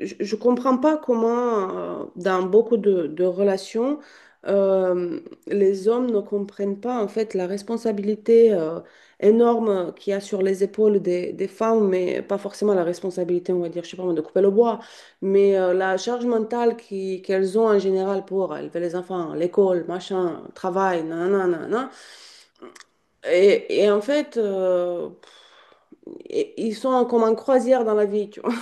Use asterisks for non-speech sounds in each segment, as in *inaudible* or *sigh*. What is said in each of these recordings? Je ne comprends pas comment, dans beaucoup de relations, euh, les hommes ne comprennent pas en fait la responsabilité énorme qu'il y a sur les épaules des femmes, mais pas forcément la responsabilité, on va dire, je sais pas moi, de couper le bois, mais la charge mentale qu'elles ont en général pour élever les enfants, l'école, machin, travail, nanana, nanana. Et en fait, ils sont comme en croisière dans la vie, tu vois.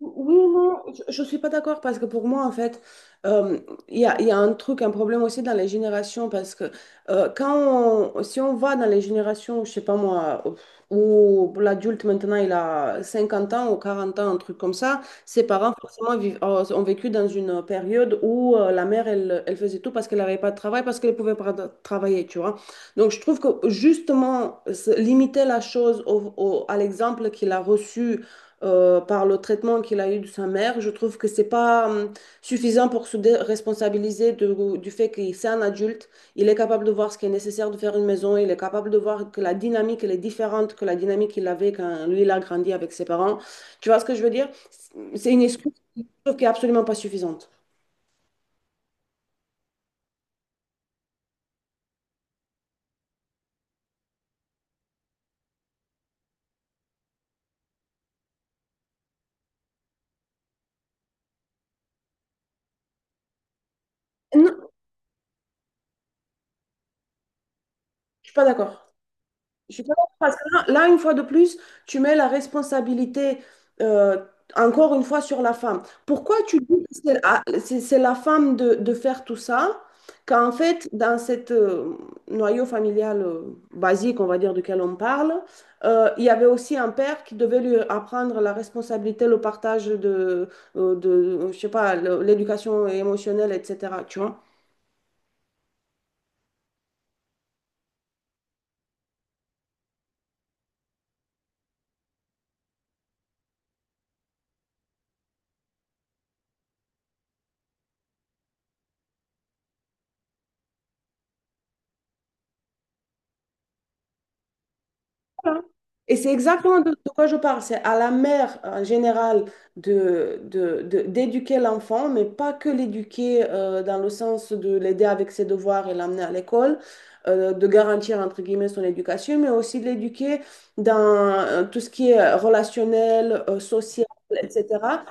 Oui, non, je ne suis pas d'accord parce que pour moi, en fait, euh, il y a, un truc, un problème aussi dans les générations parce que si on va dans les générations, je sais pas moi, où l'adulte maintenant il a 50 ans ou 40 ans, un truc comme ça, ses parents forcément ont vécu dans une période où la mère elle, elle faisait tout parce qu'elle n'avait pas de travail, parce qu'elle ne pouvait pas de- travailler, tu vois. Donc je trouve que justement, limiter la chose à l'exemple qu'il a reçu par le traitement qu'il a eu de sa mère. Je trouve que c'est pas suffisant pour se responsabiliser du fait qu'il c'est un adulte. Il est capable de voir ce qui est nécessaire de faire une maison. Il est capable de voir que la dynamique, elle est différente que la dynamique qu'il avait quand lui, il a grandi avec ses parents. Tu vois ce que je veux dire? C'est une excuse qui est absolument pas suffisante. Non, je suis pas d'accord. Je suis d'accord, parce que là, là, une fois de plus, tu mets la responsabilité, euh, encore une fois, sur la femme. Pourquoi tu dis que c'est la femme de faire tout ça, quand en fait, dans cette noyau familial basique, on va dire, duquel on parle, il y avait aussi un père qui devait lui apprendre la responsabilité, le partage de je sais pas, l'éducation émotionnelle, etc. Tu vois? Voilà. Et c'est exactement de quoi je parle. C'est à la mère en général d'éduquer l'enfant, mais pas que l'éduquer dans le sens de l'aider avec ses devoirs et l'amener à l'école, de garantir entre guillemets son éducation, mais aussi de l'éduquer dans tout ce qui est relationnel, social, etc.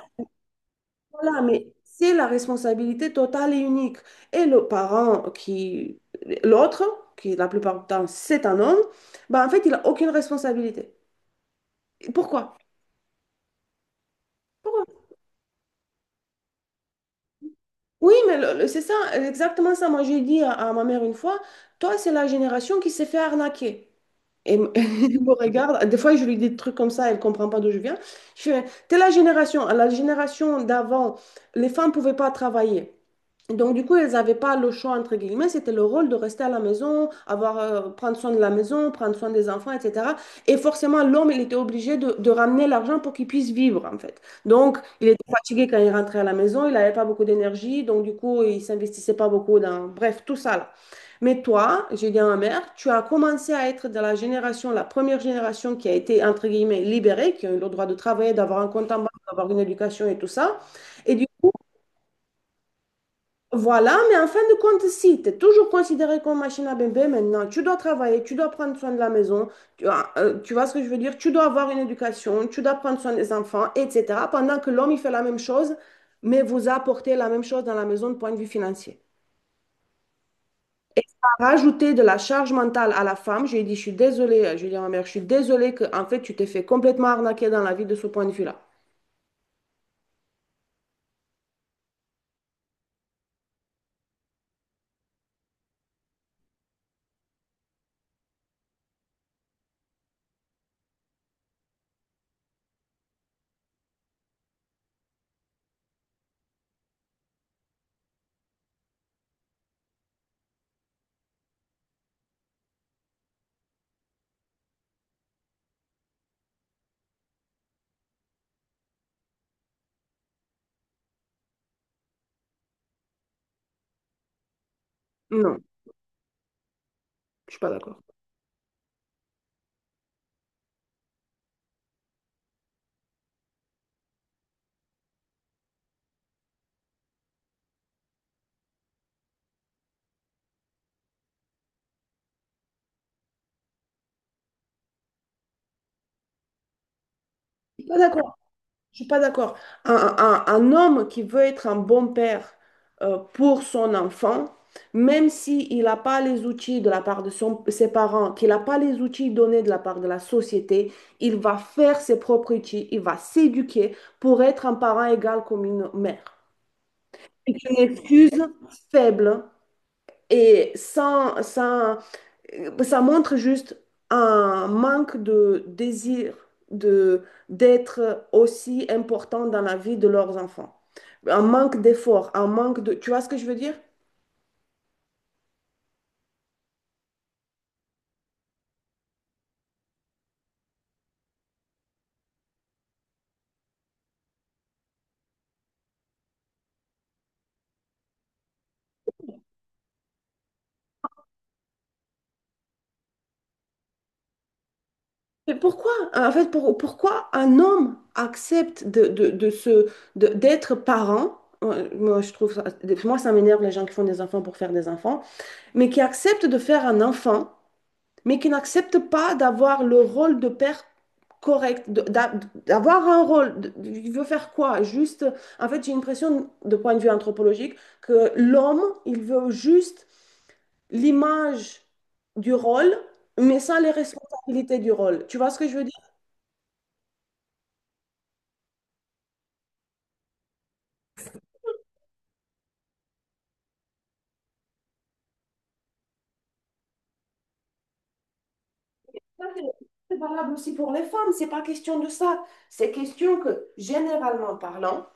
Voilà, mais c'est la responsabilité totale et unique. Et le parent qui, l'autre, qui la plupart du temps c'est un homme, bah, en fait, il n'a aucune responsabilité. Pourquoi? Pourquoi? Oui, mais c'est ça, exactement ça. Moi, j'ai dit à ma mère une fois, toi, c'est la génération qui s'est fait arnaquer. *laughs* Elle me regarde, des fois, je lui dis des trucs comme ça, elle comprend pas d'où je viens. Je fais, t'es la génération d'avant, les femmes pouvaient pas travailler. Donc, du coup, elles n'avaient pas le choix, entre guillemets, c'était le rôle de rester à la maison, prendre soin de la maison, prendre soin des enfants, etc. Et forcément, l'homme, il était obligé de ramener l'argent pour qu'il puisse vivre, en fait. Donc, il était fatigué quand il rentrait à la maison, il n'avait pas beaucoup d'énergie, donc du coup, il s'investissait pas beaucoup dans. Bref, tout ça, là. Mais toi, j'ai dit à ma mère, tu as commencé à être de la génération, la première génération qui a été, entre guillemets, libérée, qui a eu le droit de travailler, d'avoir un compte en banque, d'avoir une éducation et tout ça. Et du voilà, mais en fin de compte, si tu es toujours considéré comme machine à bébé maintenant, tu dois travailler, tu dois prendre soin de la maison, tu vois. Tu vois ce que je veux dire? Tu dois avoir une éducation, tu dois prendre soin des enfants, etc. Pendant que l'homme, il fait la même chose, mais vous apportez la même chose dans la maison de point de vue financier. Rajouter de la charge mentale à la femme, je lui ai dit, je suis désolée, je lui ai dit à ma mère, je suis désolée que, en fait, tu t'es fait complètement arnaquer dans la vie de ce point de vue-là. Non, je suis pas d'accord. Je suis pas d'accord. Je suis pas d'accord. Un homme qui veut être un bon père pour son enfant, même s'il n'a pas les outils de la part de ses parents, qu'il n'a pas les outils donnés de la part de la société, il va faire ses propres outils, il va s'éduquer pour être un parent égal comme une mère. C'est une excuse faible et sans, sans, ça montre juste un manque de désir de d'être aussi important dans la vie de leurs enfants. Un manque d'effort, un manque de. Tu vois ce que je veux dire? Mais pourquoi, en fait, pourquoi un homme accepte d'être parent? Euh, Moi, je trouve ça, moi, ça m'énerve les gens qui font des enfants pour faire des enfants, mais qui acceptent de faire un enfant mais qui n'acceptent pas d'avoir le rôle de père correct, d'avoir un rôle. Il veut faire quoi? Juste, en fait, j'ai l'impression, de point de vue anthropologique, que l'homme, il veut juste l'image du rôle, mais sans les responsabilités du rôle. Tu vois ce que je veux dire? C'est valable aussi pour les femmes, c'est pas question de ça. C'est question que, généralement parlant,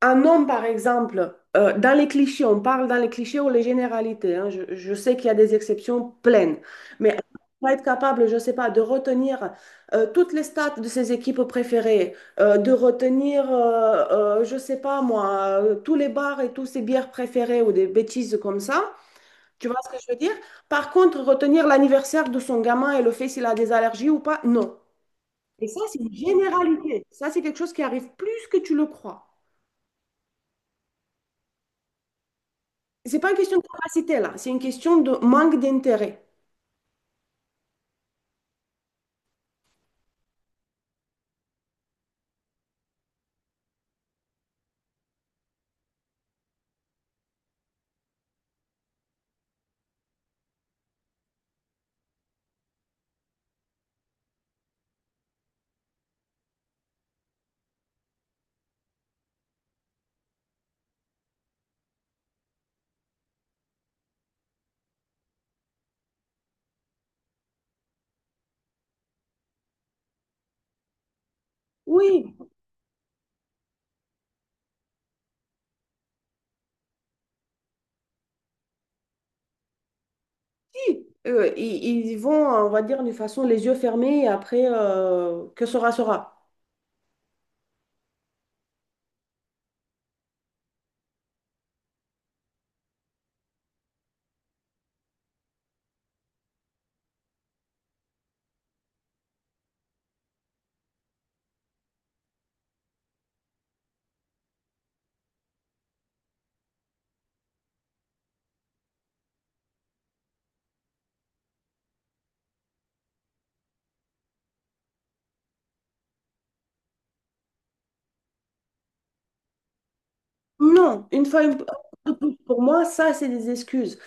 un homme, par exemple, dans les clichés, on parle dans les clichés ou les généralités, hein, je sais qu'il y a des exceptions pleines, mais on va être capable, je ne sais pas, de retenir toutes les stats de ses équipes préférées, de retenir, je ne sais pas moi, tous les bars et tous ses bières préférées ou des bêtises comme ça. Tu vois ce que je veux dire? Par contre, retenir l'anniversaire de son gamin et le fait s'il a des allergies ou pas, non. Et ça, c'est une généralité. Ça, c'est quelque chose qui arrive plus que tu le crois. C'est pas une question de capacité là, c'est une question de manque d'intérêt. Oui, si. Ils vont, on va dire, de façon les yeux fermés et après, que sera, sera. Non, pour moi, ça, c'est des excuses.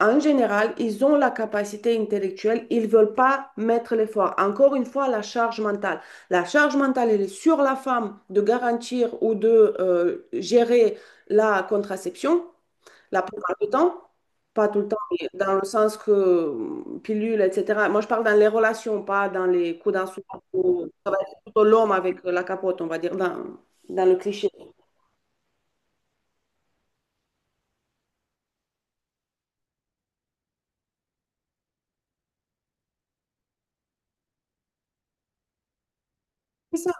En général, ils ont la capacité intellectuelle, ils ne veulent pas mettre l'effort. Encore une fois, la charge mentale. La charge mentale, elle est sur la femme de garantir ou de gérer la contraception. La plupart du temps, pas tout le temps, mais dans le sens que pilule, etc. Moi, je parle dans les relations, pas dans les coups d'un seul coup. Ça va être plutôt l'homme avec la capote, on va dire, dans, le cliché. C'est ça.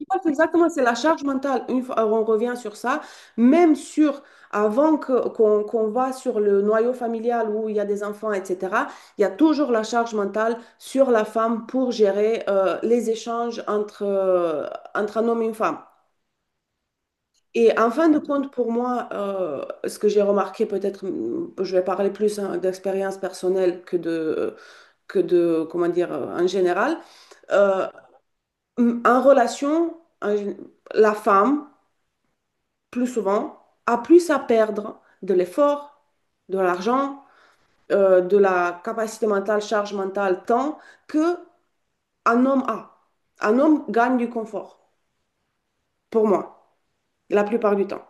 Je pense , exactement, c'est la charge mentale. Une fois, on revient sur ça, même sur avant que, qu'on va sur le noyau familial où il y a des enfants, etc. Il y a toujours la charge mentale sur la femme pour gérer les échanges entre un homme et une femme. Et en fin de compte, pour moi, ce que j'ai remarqué, peut-être, je vais parler plus hein, d'expérience personnelle que de, comment dire, en général. Euh, en relation, la femme, plus souvent, a plus à perdre de l'effort, de l'argent, de la capacité mentale, charge mentale, temps, que un homme a. Un homme gagne du confort, pour moi, la plupart du temps.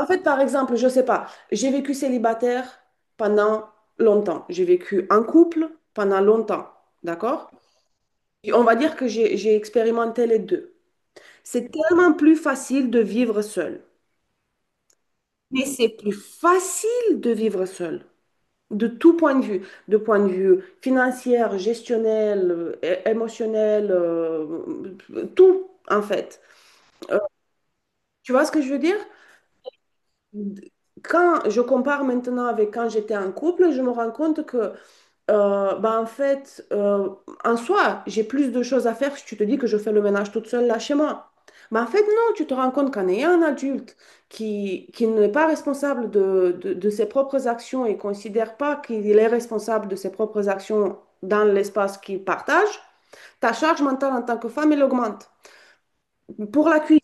En fait, par exemple, je sais pas, j'ai vécu célibataire pendant longtemps. J'ai vécu en couple pendant longtemps, d'accord? Et on va dire que j'ai expérimenté les deux. C'est tellement plus facile de vivre seul. Mais c'est plus facile de vivre seul, de tout point de vue, de point de vue financier, gestionnel, émotionnel, tout en fait. Euh, tu vois ce que je veux dire? Quand je compare maintenant avec quand j'étais en couple, je me rends compte que bah en fait, en soi, j'ai plus de choses à faire si tu te dis que je fais le ménage toute seule là chez moi. Mais en fait, non, tu te rends compte qu'en ayant un adulte qui n'est pas responsable de ses propres actions et considère pas qu'il est responsable de ses propres actions dans l'espace qu'il partage, ta charge mentale en tant que femme, elle augmente. Pour la cuisine,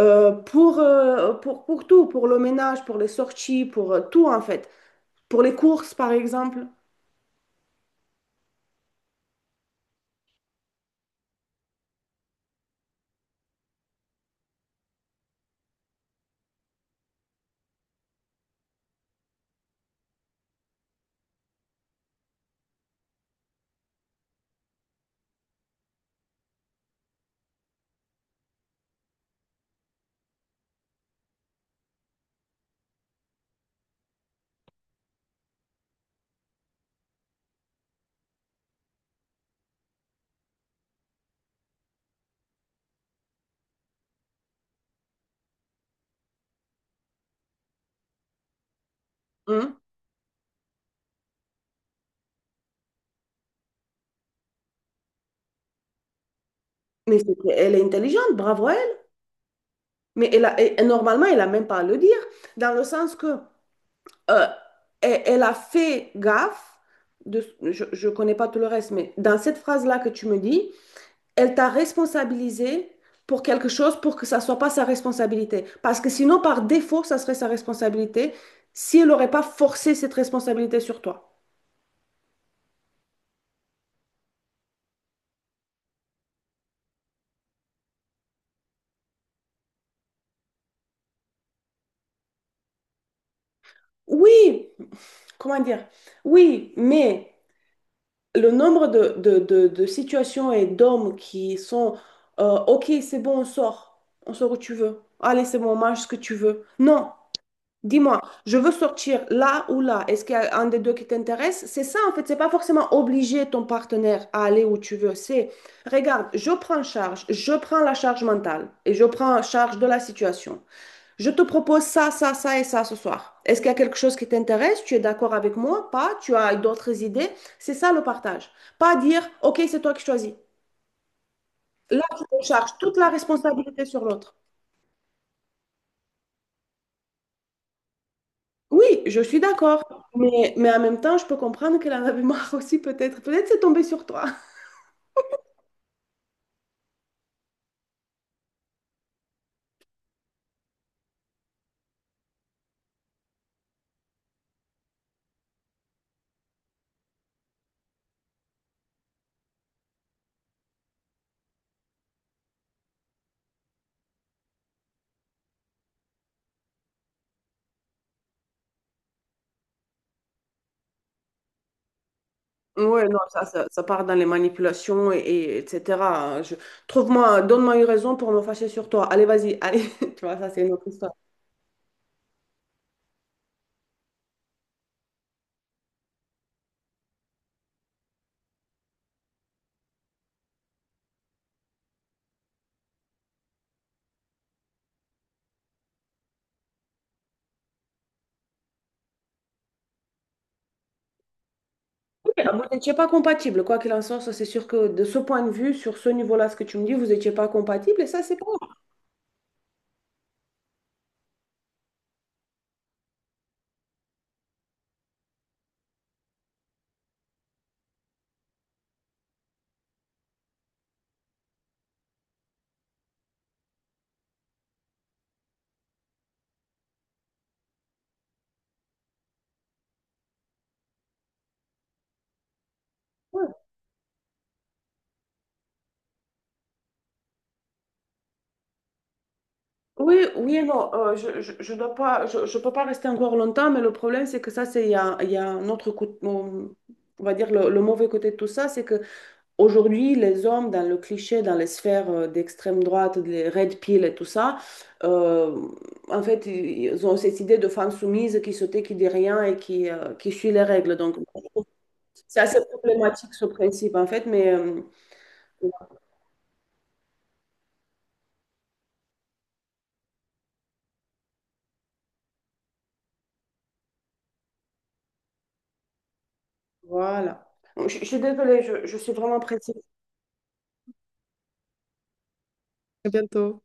pour tout, pour le ménage, pour les sorties, pour tout en fait. Pour les courses, par exemple. Hein? Mais elle est intelligente, bravo à. Mais elle a, et normalement, elle n'a même pas à le dire, dans le sens que euh, elle a fait gaffe, de, je ne connais pas tout le reste, mais dans cette phrase-là que tu me dis, elle t'a responsabilisé pour quelque chose pour que ça ne soit pas sa responsabilité. Parce que sinon, par défaut, ça serait sa responsabilité si elle n'aurait pas forcé cette responsabilité sur toi. Oui, comment dire? Oui, mais le nombre de situations et d'hommes qui sont OK, c'est bon, on sort. On sort où tu veux. Allez, c'est bon, on mange ce que tu veux. Non, dis-moi, je veux sortir là ou là. Est-ce qu'il y a un des deux qui t'intéresse? C'est ça, en fait. C'est pas forcément obliger ton partenaire à aller où tu veux. C'est, regarde, je prends charge, je prends la charge mentale et je prends charge de la situation. Je te propose ça, ça, ça et ça ce soir. Est-ce qu'il y a quelque chose qui t'intéresse? Tu es d'accord avec moi? Pas? Tu as d'autres idées? C'est ça le partage. Pas dire, OK, c'est toi qui choisis. Là, tu te charges toute la responsabilité sur l'autre. Oui, je suis d'accord. Mais en même temps, je peux comprendre qu'elle en avait marre aussi, peut-être. Peut-être c'est tombé sur toi. Ouais, non, ça part dans les manipulations et etc. Je- Trouve-moi, donne-moi une raison pour me fâcher sur toi. Allez, vas-y, allez. *laughs* Tu vois, ça, c'est une autre histoire. Ah, vous n'étiez pas compatible, quoi qu'il en soit, ça c'est sûr que de ce point de vue, sur ce niveau-là, ce que tu me dis, vous n'étiez pas compatible et ça c'est pas. Ouais. Oui, oui et non, je dois pas, je peux pas rester encore longtemps, mais le problème c'est que ça c'est il y a un autre côté, on va dire le mauvais côté de tout ça, c'est que aujourd'hui les hommes dans le cliché, dans les sphères d'extrême droite, les red pill et tout ça, euh, en fait ils ont cette idée de femme soumise qui se tait, qui dit rien et qui suit les règles. Donc c'est assez problématique ce principe en fait, mais voilà. Je suis désolée, je suis vraiment pressée. À bientôt.